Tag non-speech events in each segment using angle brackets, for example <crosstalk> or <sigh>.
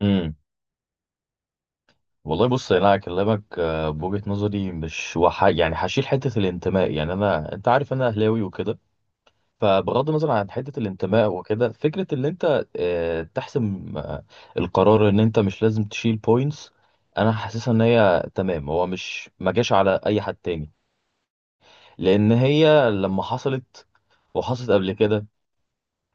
امم والله بص يعني انا هكلمك بوجهة نظري مش يعني هشيل حتة الانتماء، يعني انا انت عارف انا اهلاوي وكده. فبغض النظر عن حتة الانتماء وكده، فكرة ان انت تحسم القرار ان انت مش لازم تشيل بوينتس. انا حاسسها ان هي تمام، هو مش ما جاش على اي حد تاني، لان هي لما حصلت وحصلت قبل كده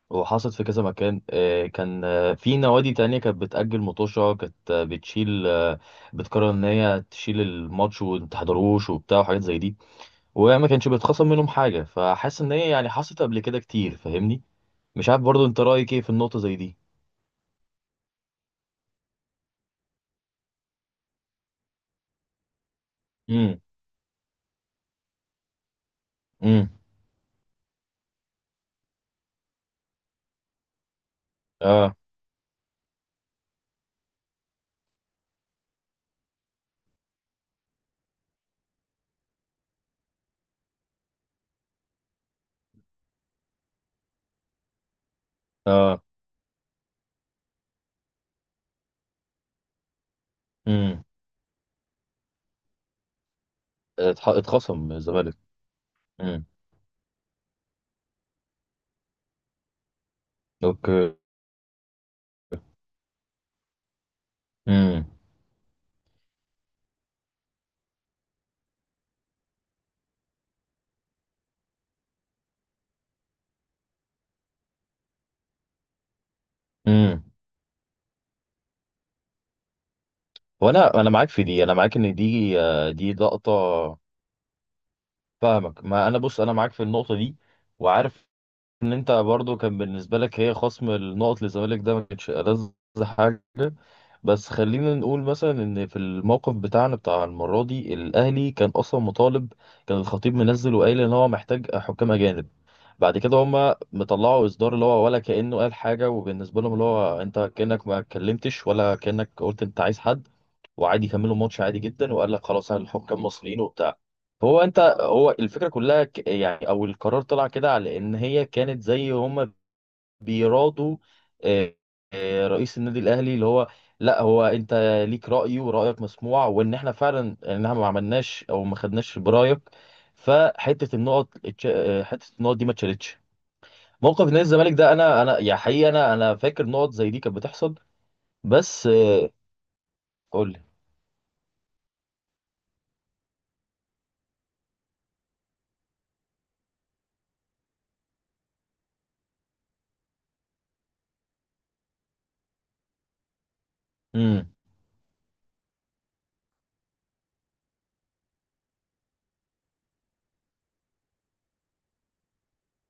وحصلت في كذا مكان كان في نوادي تانية كانت بتأجل مطوشة، كانت بتشيل بتقرر إن هي تشيل الماتش ومتحضروش وبتاع وحاجات زي دي، وما كانش بيتخصم منهم حاجة. فحاسس إن هي يعني حصلت قبل كده كتير، فاهمني؟ مش عارف برضو أنت رأيك إيه في النقطة زي دي؟ امم. امم. اه. اه. امم. اتخصم من الزمالك. امم. اوكي. امم. امم. وانا معاك في دي، انا معاك ان دي دي لقطه. فاهمك، ما انا بص انا معاك في النقطه دي. وعارف ان انت برضو كان بالنسبه لك هي خصم النقط للزمالك ده ما كانش ألذ حاجه. بس خلينا نقول مثلا ان في الموقف بتاعنا بتاع المره دي، الاهلي كان اصلا مطالب، كان الخطيب منزل وقايل ان هو محتاج حكام اجانب. بعد كده هما مطلعوا اصدار اللي هو ولا كانه قال حاجه، وبالنسبه لهم اللي هو انت كانك ما اتكلمتش ولا كانك قلت انت عايز حد. وعادي كملوا ماتش عادي جدا وقال لك خلاص اهل الحكام مصريين وبتاع. فهو انت هو الفكره كلها يعني او القرار طلع كده على ان هي كانت زي هم بيرادوا. آه، رئيس النادي الاهلي اللي هو، لا هو انت ليك راي ورايك مسموع، وان احنا فعلا ان احنا ما عملناش او ما خدناش برايك. فحته النقط حته النقط دي ما اتشالتش. موقف نادي الزمالك ده، انا يا حقيقه انا فاكر نقط زي دي كانت بتحصل بس قول لي. امم.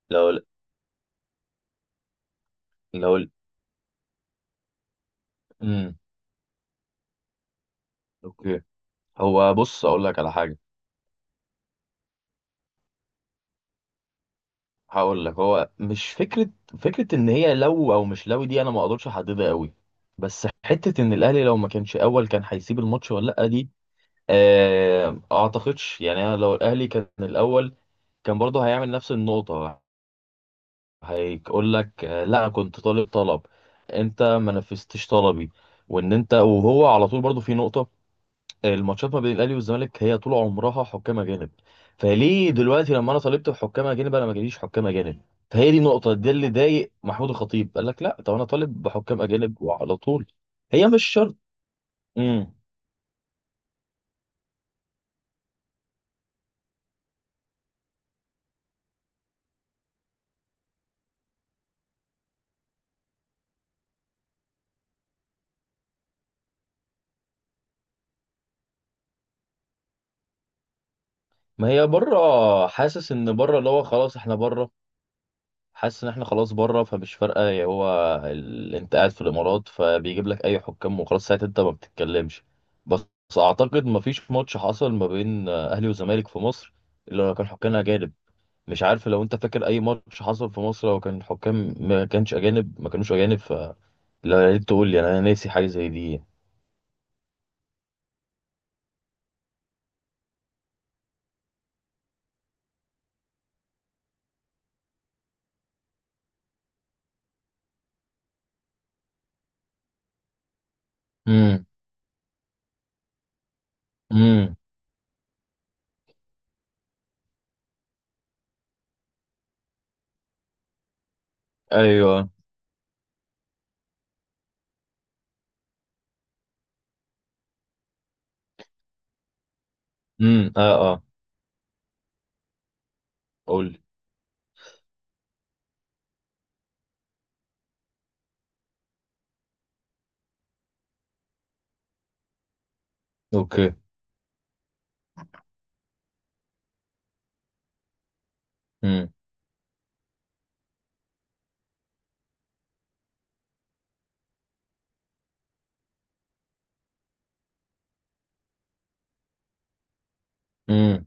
لو لو. امم. اوكي. هو بص اقول لك على حاجه. هقول لك هو مش فكره ان هي لو، او مش لو، دي انا ما اقدرش احددها قوي. بس حته ان الاهلي لو ما كانش اول كان هيسيب الماتش ولا لا، دي آه اعتقدش. يعني انا لو الاهلي كان الاول كان برضه هيعمل نفس النقطه، هيقول لك لا كنت طالب طلب، انت ما نفذتش طلبي. وان انت وهو على طول برضه في نقطه، الماتشات ما بين الاهلي والزمالك هي طول عمرها حكام اجانب. فليه دلوقتي لما انا طالبت بحكام اجانب انا ما جاليش حكام اجانب؟ فهي دي النقطه دي اللي ضايق محمود الخطيب، قال لك لا، طب انا طالب بحكام اجانب وعلى طول. هي مش شرط. امم. ما هي بره، حاسس ان بره اللي هو خلاص احنا بره. حاسس ان احنا خلاص بره، فمش فارقه يا هو. انت قاعد في الامارات فبيجيب لك اي حكام وخلاص، ساعتها انت ما بتتكلمش. بس اعتقد ما فيش ماتش حصل ما بين اهلي وزمالك في مصر اللي هو كان حكام اجانب. مش عارف لو انت فاكر اي ماتش حصل في مصر لو كان الحكام ما كانش اجانب، ما كانوش اجانب لا، يا ريت تقول لي انا ناسي حاجه زي دي. امم. امم. ايوه. امم. اه. اه. قول لي. اوكي. امم. امم.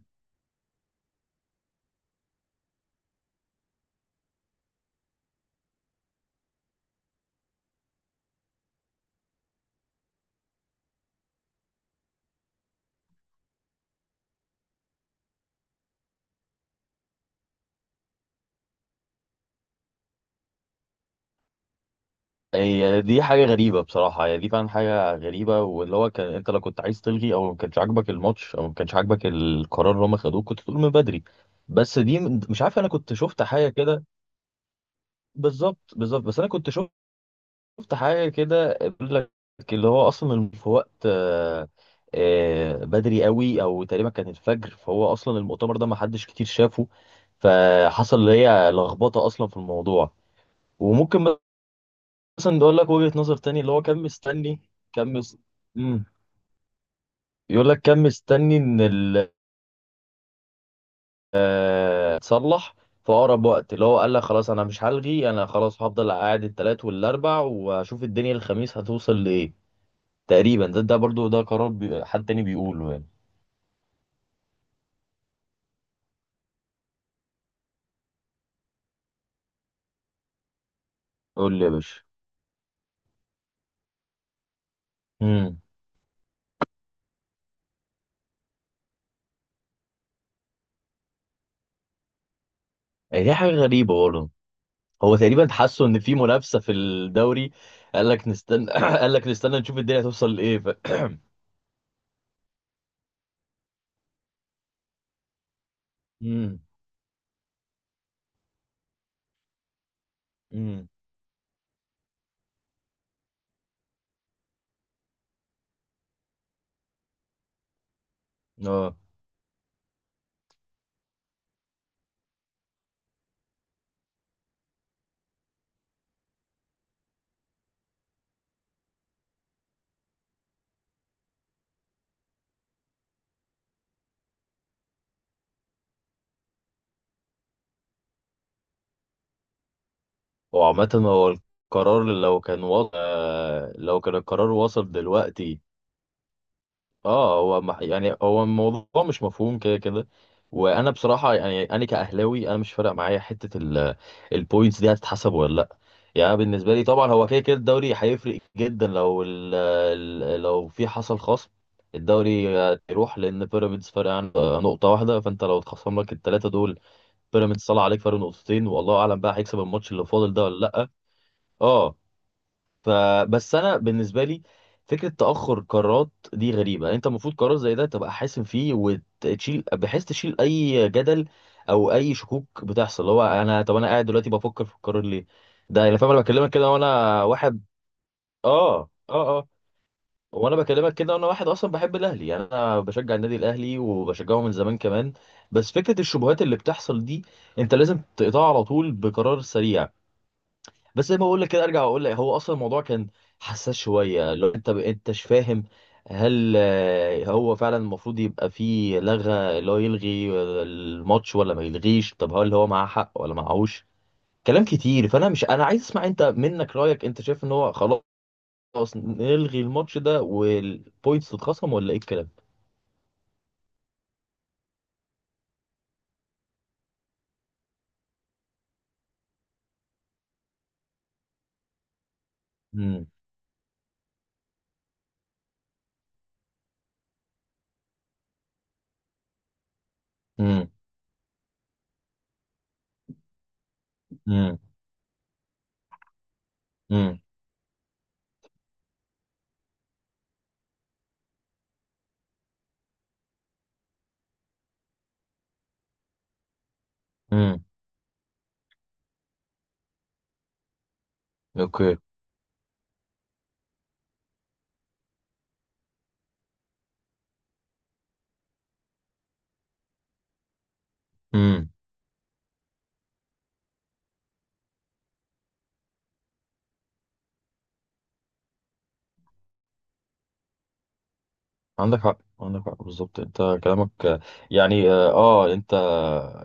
هي دي حاجه غريبه بصراحه، هي دي فعلا حاجه غريبه، واللي هو كان انت لو كنت عايز تلغي او ما كانش عاجبك الماتش او ما كانش عاجبك القرار اللي هم خدوه، كنت تقول من بدري. بس دي مش عارف، انا كنت شفت حاجه كده. بالظبط بالظبط، بس انا كنت شفت حاجة كده بيقول لك، اللي هو أصلا في وقت بدري قوي أو تقريبا كان الفجر، فهو أصلا المؤتمر ده ما حدش كتير شافه. فحصل اللي هي لخبطة أصلا في الموضوع. وممكن مثلا يقول لك وجهة نظر تاني اللي هو كان مستني، كان مس... مم. يقول لك كان مستني إن ال تصلح في أقرب وقت، اللي هو قال لك خلاص أنا مش هلغي، أنا خلاص هفضل قاعد التلات والأربع وأشوف الدنيا الخميس هتوصل لإيه. تقريبا ده برضو ده قرار حد تاني بيقوله يعني. قول لي يا باشا. امم. دي حاجة غريبة برضه. هو تقريبا حسوا ان في منافسة في الدوري، قال لك نستنى <coughs> <clears throat> قال لك نستنى نشوف الدنيا هتوصل لايه امم. امم. اه. هو عامة هو القرار لو كان وصل، لو كان القرار وصل دلوقتي، اه هو يعني هو الموضوع مش مفهوم كده كده. وانا بصراحه يعني انا كاهلاوي انا مش فارق معايا حته البوينتس دي هتتحسب ولا لا. يعني أنا بالنسبه لي طبعا هو كده كده الدوري هيفرق جدا لو لو في حصل خصم. الدوري هيروح لان بيراميدز فارق عن 1 نقطه، فانت لو اتخصم لك 3 دول، بيراميدز طلع عليك فرق 2 نقطه. والله اعلم بقى هيكسب الماتش اللي فاضل ده ولا لا. اه. فبس انا بالنسبه لي، فكره تاخر قرارات دي غريبه. يعني انت المفروض قرار زي ده تبقى حاسم فيه وتشيل، بحيث تشيل اي جدل او اي شكوك بتحصل، اللي هو انا طب انا قاعد دلوقتي بفكر في القرار ليه. ده انا فاهم، انا بكلمك كده وانا واحد، اه. اه. اه. وانا بكلمك كده وانا واحد اصلا بحب الاهلي، يعني انا بشجع النادي الاهلي وبشجعه من زمان كمان. بس فكره الشبهات اللي بتحصل دي، انت لازم تقطعها على طول بقرار سريع. بس زي ما بقول لك كده ارجع واقول لك هو اصلا الموضوع كان حساس شويه، لو انت انتش فاهم؟ هل هو فعلا المفروض يبقى فيه لغة اللي هو يلغي الماتش ولا ما يلغيش؟ طب هل هو معاه حق ولا معهوش؟ كلام كتير، فانا مش انا عايز اسمع انت منك رأيك. انت شايف ان هو خلاص نلغي الماتش ده والبوينتس تتخصم ولا ايه الكلام؟ امم. امم. امم. امم. اوكي. عندك حق عندك حق، بالظبط انت كلامك. يعني انت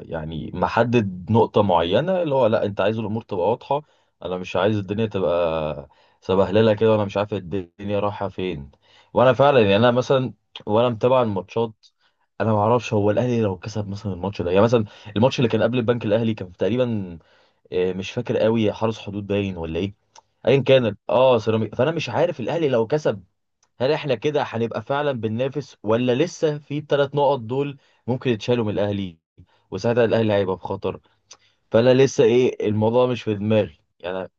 يعني محدد نقطة معينة اللي هو لا انت عايز الامور تبقى واضحة. انا مش عايز الدنيا تبقى سبهللة كده وانا مش عارف الدنيا رايحة فين. وانا فعلا يعني انا مثلا، وانا متابع الماتشات، انا ما اعرفش هو الاهلي لو كسب مثلا الماتش ده، يعني مثلا الماتش اللي كان قبل البنك الاهلي كان تقريبا مش فاكر قوي حرس حدود باين ولا ايه. ايا كان اه سيراميكا، فانا مش عارف الاهلي لو كسب هل احنا كده هنبقى فعلا بننافس، ولا لسه في الـ3 نقط دول ممكن يتشالوا من الاهلي، وساعتها الاهلي هيبقى في خطر. فانا لسه ايه، الموضوع مش في دماغي يعني.